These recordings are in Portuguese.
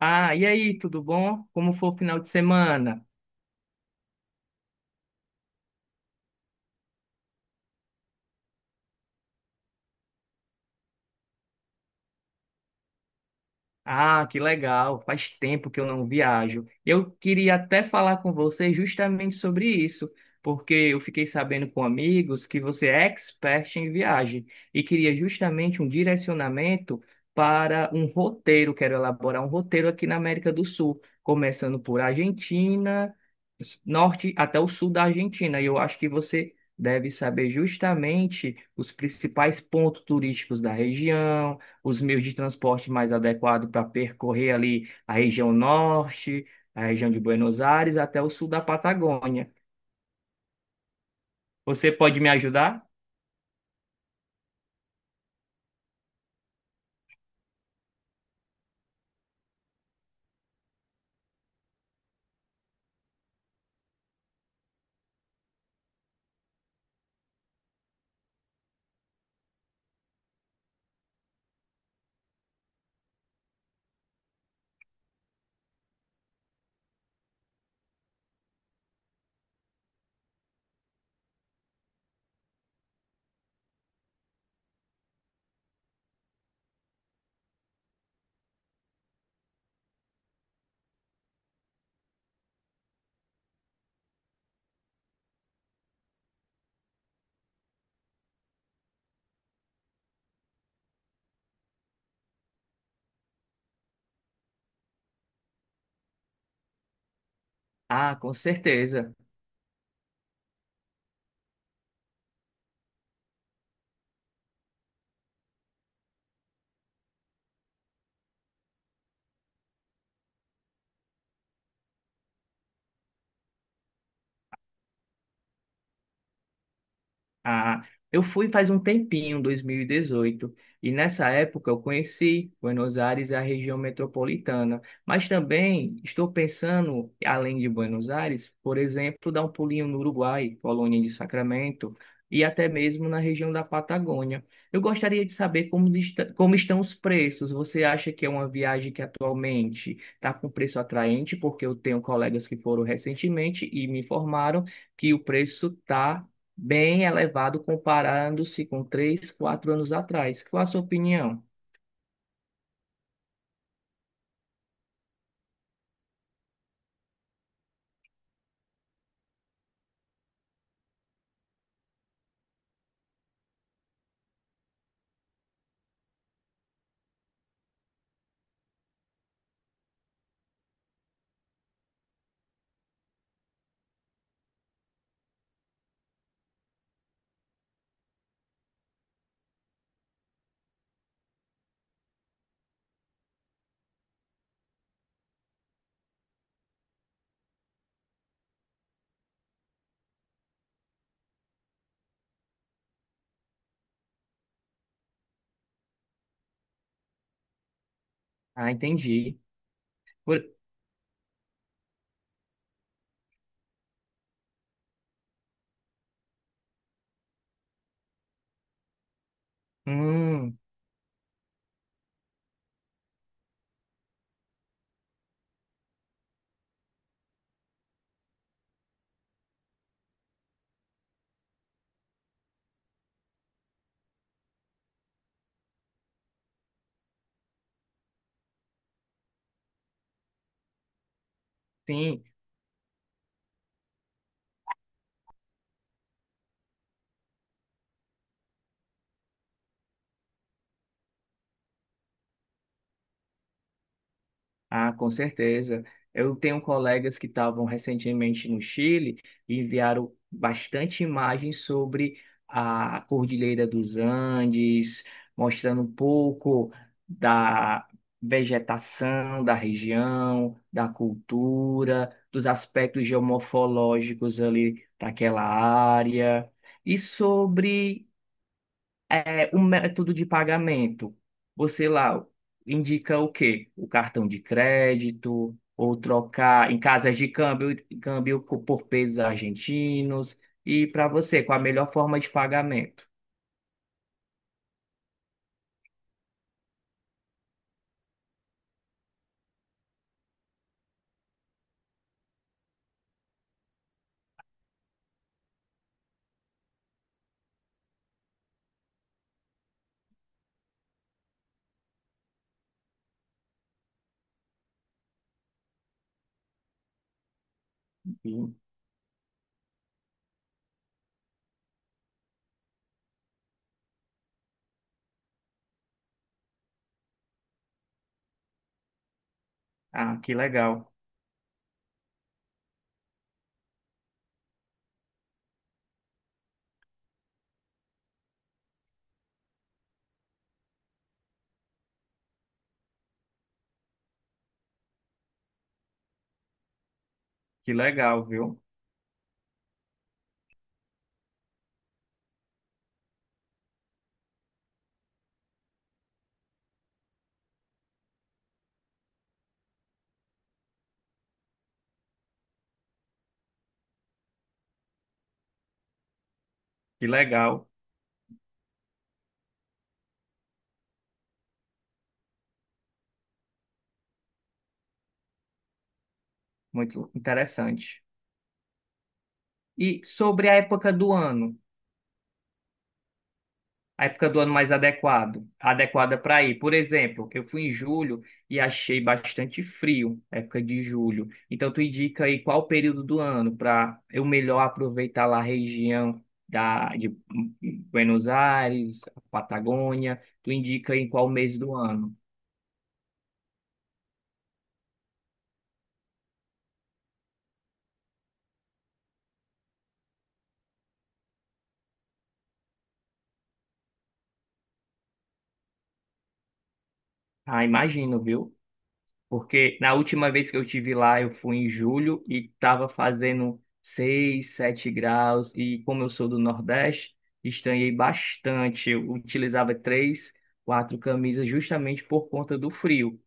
Ah, e aí, tudo bom? Como foi o final de semana? Ah, que legal. Faz tempo que eu não viajo. Eu queria até falar com você justamente sobre isso, porque eu fiquei sabendo com amigos que você é expert em viagem e queria justamente um direcionamento para um roteiro. Quero elaborar um roteiro aqui na América do Sul, começando por Argentina, norte até o sul da Argentina. E eu acho que você deve saber justamente os principais pontos turísticos da região, os meios de transporte mais adequados para percorrer ali a região norte, a região de Buenos Aires, até o sul da Patagônia. Você pode me ajudar? Ah, com certeza. Ah, eu fui faz um tempinho, 2018, e dezoito, e nessa época eu conheci Buenos Aires, e a região metropolitana, mas também estou pensando, além de Buenos Aires, por exemplo, dar um pulinho no Uruguai, Colônia de Sacramento, e até mesmo na região da Patagônia. Eu gostaria de saber como como estão os preços. Você acha que é uma viagem que atualmente está com preço atraente? Porque eu tenho colegas que foram recentemente e me informaram que o preço está bem elevado comparando-se com três, quatro anos atrás. Qual a sua opinião? Ah, entendi. Por- Hum, sim. Ah, com certeza. Eu tenho colegas que estavam recentemente no Chile e enviaram bastante imagens sobre a Cordilheira dos Andes, mostrando um pouco da vegetação da região, da cultura, dos aspectos geomorfológicos ali daquela área e sobre o método de pagamento. Você lá indica o quê? O cartão de crédito, ou trocar em casas de câmbio, por pesos argentinos. E para você, qual a melhor forma de pagamento? Sim. Ah, que legal, viu? Que legal, muito interessante. E sobre a época do ano? A época do ano mais adequada para ir. Por exemplo, eu fui em julho e achei bastante frio, época de julho. Então, tu indica aí qual o período do ano para eu melhor aproveitar lá a região de Buenos Aires, Patagônia. Tu indica aí qual mês do ano. Ah, imagino, viu? Porque na última vez que eu tive lá, eu fui em julho e estava fazendo 6 7 graus. E como eu sou do Nordeste, estranhei bastante. Eu utilizava três, quatro camisas justamente por conta do frio.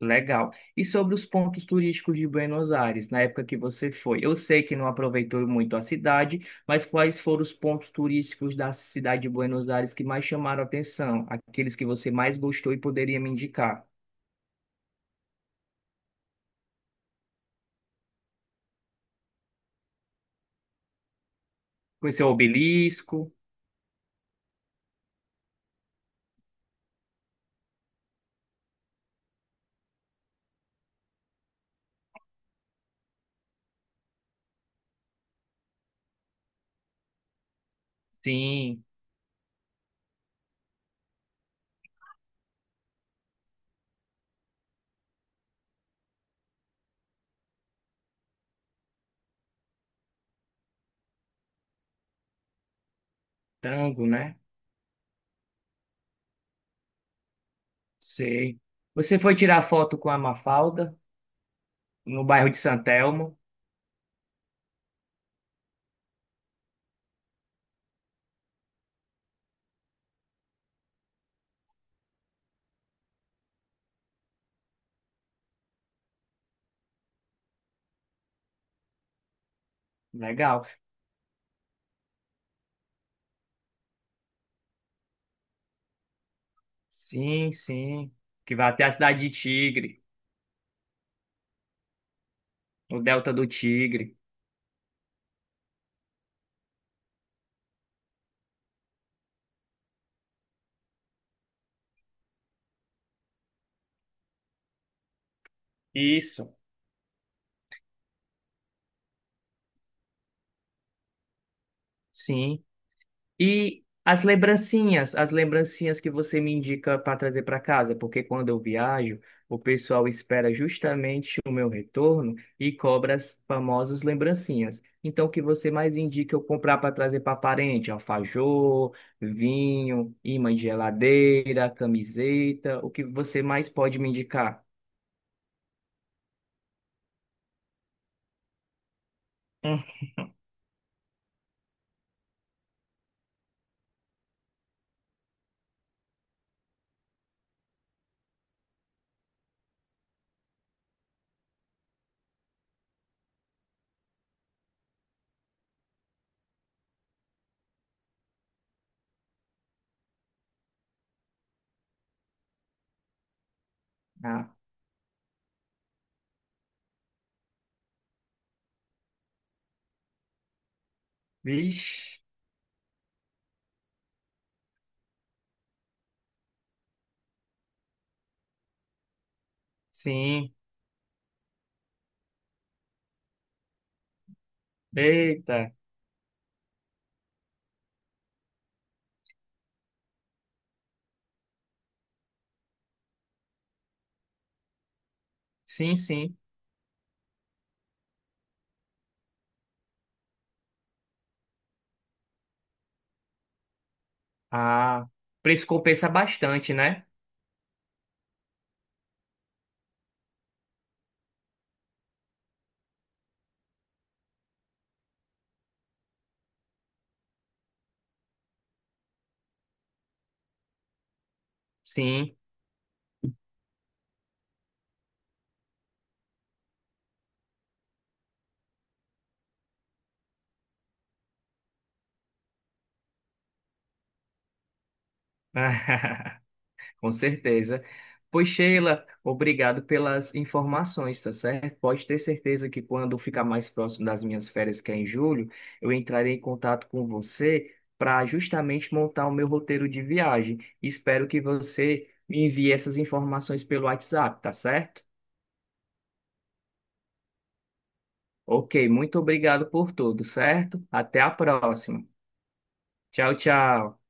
Legal. E sobre os pontos turísticos de Buenos Aires, na época que você foi? Eu sei que não aproveitou muito a cidade, mas quais foram os pontos turísticos da cidade de Buenos Aires que mais chamaram a atenção? Aqueles que você mais gostou e poderia me indicar? Conheceu o obelisco? Sim, tango, né? Sei. Você foi tirar foto com a Mafalda no bairro de Santelmo? Legal. Sim, sim. Que vai até a cidade de Tigre, no Delta do Tigre. Isso. Sim. E as lembrancinhas que você me indica para trazer para casa, porque quando eu viajo, o pessoal espera justamente o meu retorno e cobra as famosas lembrancinhas. Então, o que você mais indica eu comprar para trazer para parente? Alfajor, vinho, imã de geladeira, camiseta, o que você mais pode me indicar? Hum. Ah, vixe. Sim. Eita. Sim, sim. Ah, preço compensa bastante, né? Sim. Ah, com certeza. Pois, Sheila, obrigado pelas informações, tá certo? Pode ter certeza que quando ficar mais próximo das minhas férias, que é em julho, eu entrarei em contato com você para justamente montar o meu roteiro de viagem. Espero que você me envie essas informações pelo WhatsApp, tá certo? Ok, muito obrigado por tudo, certo? Até a próxima. Tchau, tchau.